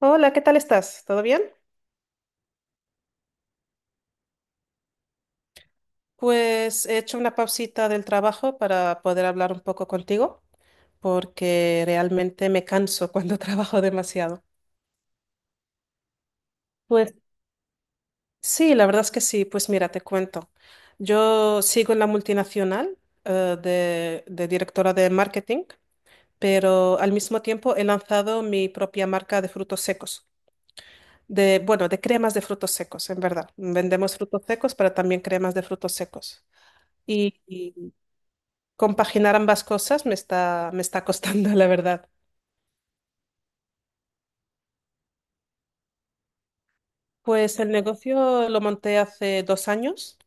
Hola, ¿qué tal estás? ¿Todo bien? Pues he hecho una pausita del trabajo para poder hablar un poco contigo, porque realmente me canso cuando trabajo demasiado. Pues sí, la verdad es que sí. Pues mira, te cuento. Yo sigo en la multinacional, de directora de marketing, pero al mismo tiempo he lanzado mi propia marca de frutos secos. Bueno, de cremas de frutos secos, en verdad. Vendemos frutos secos, pero también cremas de frutos secos. Y, Compaginar ambas cosas me está costando, la verdad. Pues el negocio lo monté hace 2 años,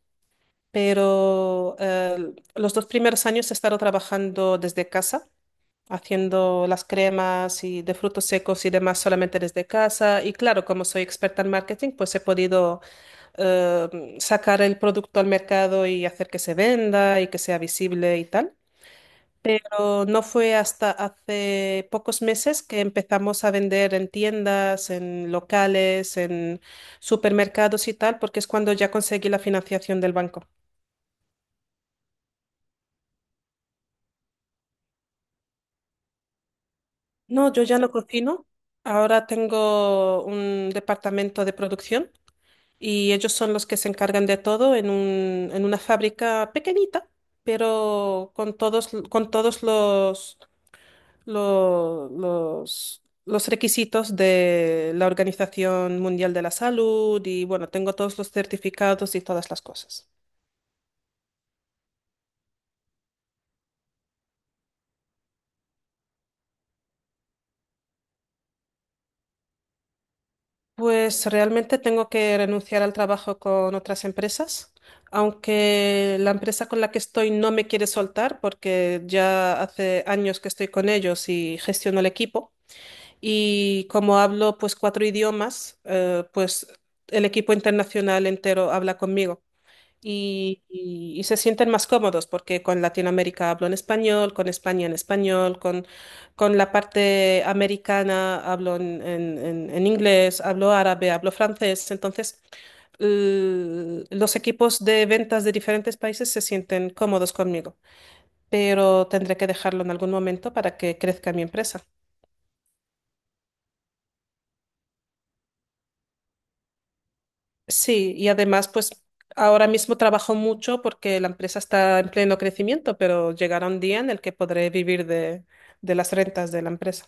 pero los dos primeros años he estado trabajando desde casa, haciendo las cremas y de frutos secos y demás solamente desde casa. Y claro, como soy experta en marketing, pues he podido sacar el producto al mercado y hacer que se venda y que sea visible y tal. Pero no fue hasta hace pocos meses que empezamos a vender en tiendas, en locales, en supermercados y tal, porque es cuando ya conseguí la financiación del banco. No, yo ya no cocino. Ahora tengo un departamento de producción y ellos son los que se encargan de todo en una fábrica pequeñita, pero con todos los los requisitos de la Organización Mundial de la Salud y bueno, tengo todos los certificados y todas las cosas. Pues realmente tengo que renunciar al trabajo con otras empresas, aunque la empresa con la que estoy no me quiere soltar porque ya hace años que estoy con ellos y gestiono el equipo. Y como hablo pues cuatro idiomas, pues el equipo internacional entero habla conmigo. Y se sienten más cómodos porque con Latinoamérica hablo en español, con España en español, con la parte americana hablo en inglés, hablo árabe, hablo francés. Entonces, los equipos de ventas de diferentes países se sienten cómodos conmigo, pero tendré que dejarlo en algún momento para que crezca mi empresa. Sí, y además, pues ahora mismo trabajo mucho porque la empresa está en pleno crecimiento, pero llegará un día en el que podré vivir de las rentas de la empresa.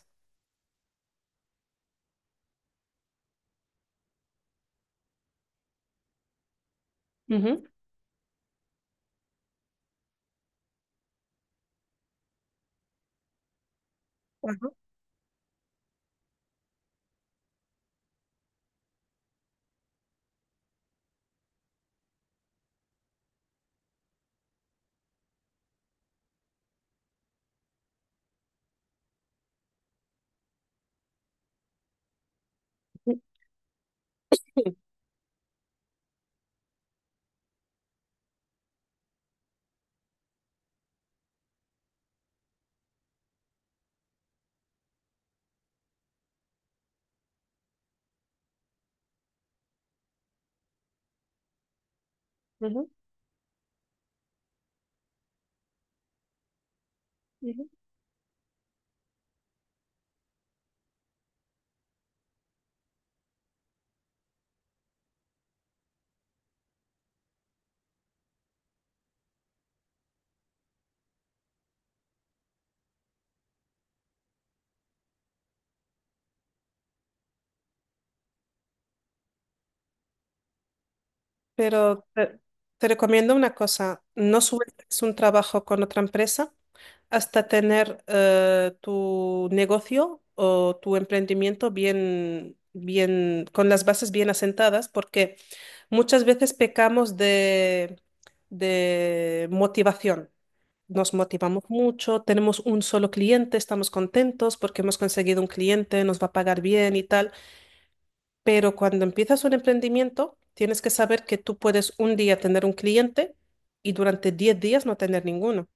Ujú. Ajá. Sí. Ujú, ujú. Pero te recomiendo una cosa, no sueltes un trabajo con otra empresa hasta tener tu negocio o tu emprendimiento bien, bien, con las bases bien asentadas, porque muchas veces pecamos de motivación. Nos motivamos mucho, tenemos un solo cliente, estamos contentos porque hemos conseguido un cliente, nos va a pagar bien y tal. Pero cuando empiezas un emprendimiento, tienes que saber que tú puedes un día tener un cliente y durante 10 días no tener ninguno.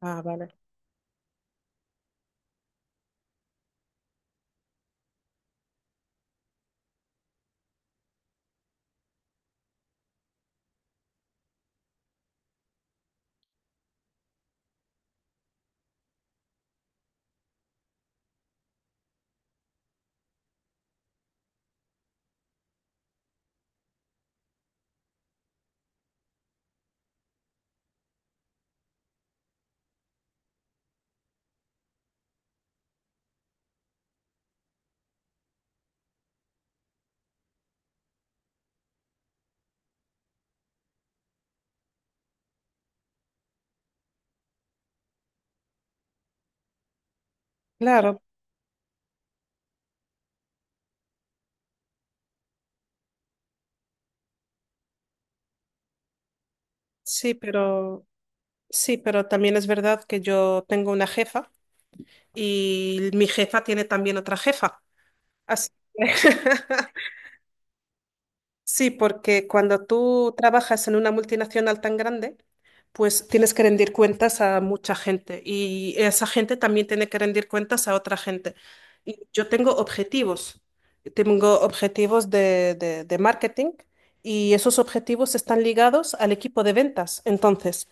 Ah, vale. Claro, sí, pero sí, pero también es verdad que yo tengo una jefa y mi jefa tiene también otra jefa. Así que Sí, porque cuando tú trabajas en una multinacional tan grande, pues tienes que rendir cuentas a mucha gente y esa gente también tiene que rendir cuentas a otra gente. Y yo tengo objetivos de marketing y esos objetivos están ligados al equipo de ventas. Entonces,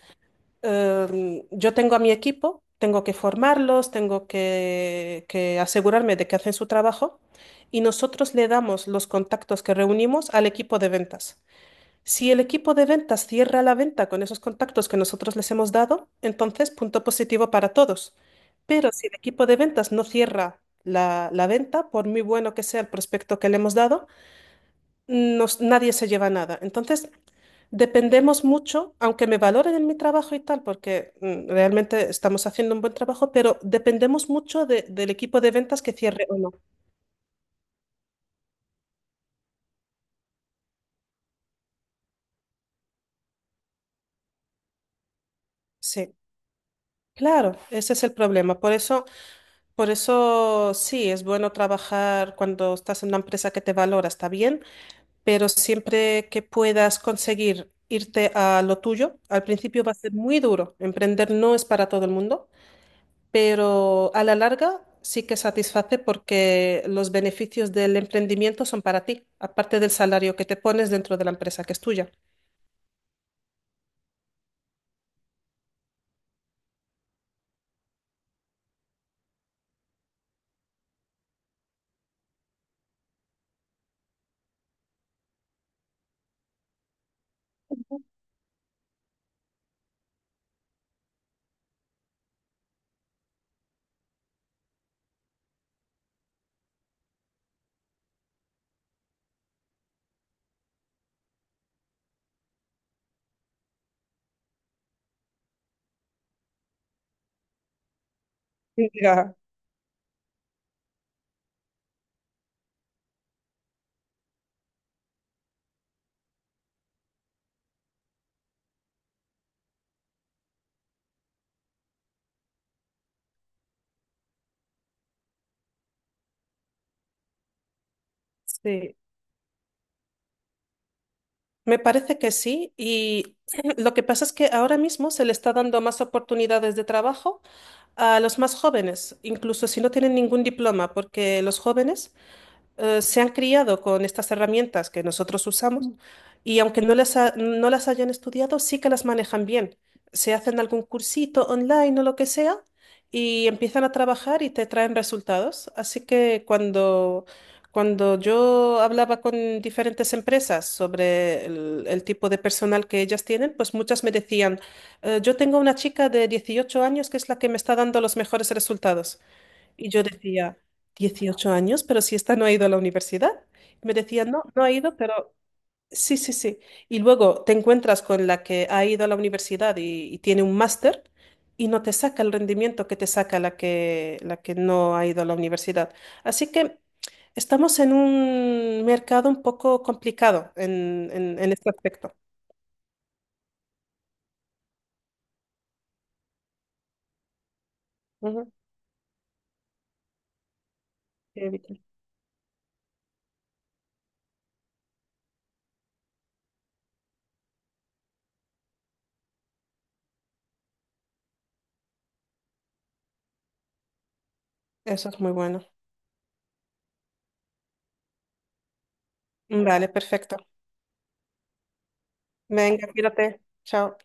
yo tengo a mi equipo, tengo que formarlos, tengo que asegurarme de que hacen su trabajo y nosotros le damos los contactos que reunimos al equipo de ventas. Si el equipo de ventas cierra la venta con esos contactos que nosotros les hemos dado, entonces punto positivo para todos. Pero si el equipo de ventas no cierra la venta, por muy bueno que sea el prospecto que le hemos dado, nadie se lleva nada. Entonces, dependemos mucho, aunque me valoren en mi trabajo y tal, porque realmente estamos haciendo un buen trabajo, pero dependemos mucho del equipo de ventas que cierre o no. Sí, claro, ese es el problema. Por eso sí, es bueno trabajar cuando estás en una empresa que te valora, está bien, pero siempre que puedas conseguir irte a lo tuyo, al principio va a ser muy duro. Emprender no es para todo el mundo. Pero a la larga sí que satisface porque los beneficios del emprendimiento son para ti, aparte del salario que te pones dentro de la empresa que es tuya. Mira, sí, me parece que sí. Y lo que pasa es que ahora mismo se le está dando más oportunidades de trabajo a los más jóvenes, incluso si no tienen ningún diploma, porque los jóvenes se han criado con estas herramientas que nosotros usamos y aunque no las hayan estudiado, sí que las manejan bien. Se hacen algún cursito online o lo que sea y empiezan a trabajar y te traen resultados. Así que cuando yo hablaba con diferentes empresas sobre el tipo de personal que ellas tienen, pues muchas me decían: yo tengo una chica de 18 años que es la que me está dando los mejores resultados". Y yo decía, 18 años, pero si esta no ha ido a la universidad. Y me decía, no, no ha ido, pero sí, sí, sí. Y luego te encuentras con la que ha ido a la universidad y tiene un máster y no te saca el rendimiento que te saca la que, no ha ido a la universidad. Así que estamos en un mercado un poco complicado en este aspecto. Ujú, sí, Vicky. Eso es muy bueno. Vale, perfecto. Venga, cuídate. Chao.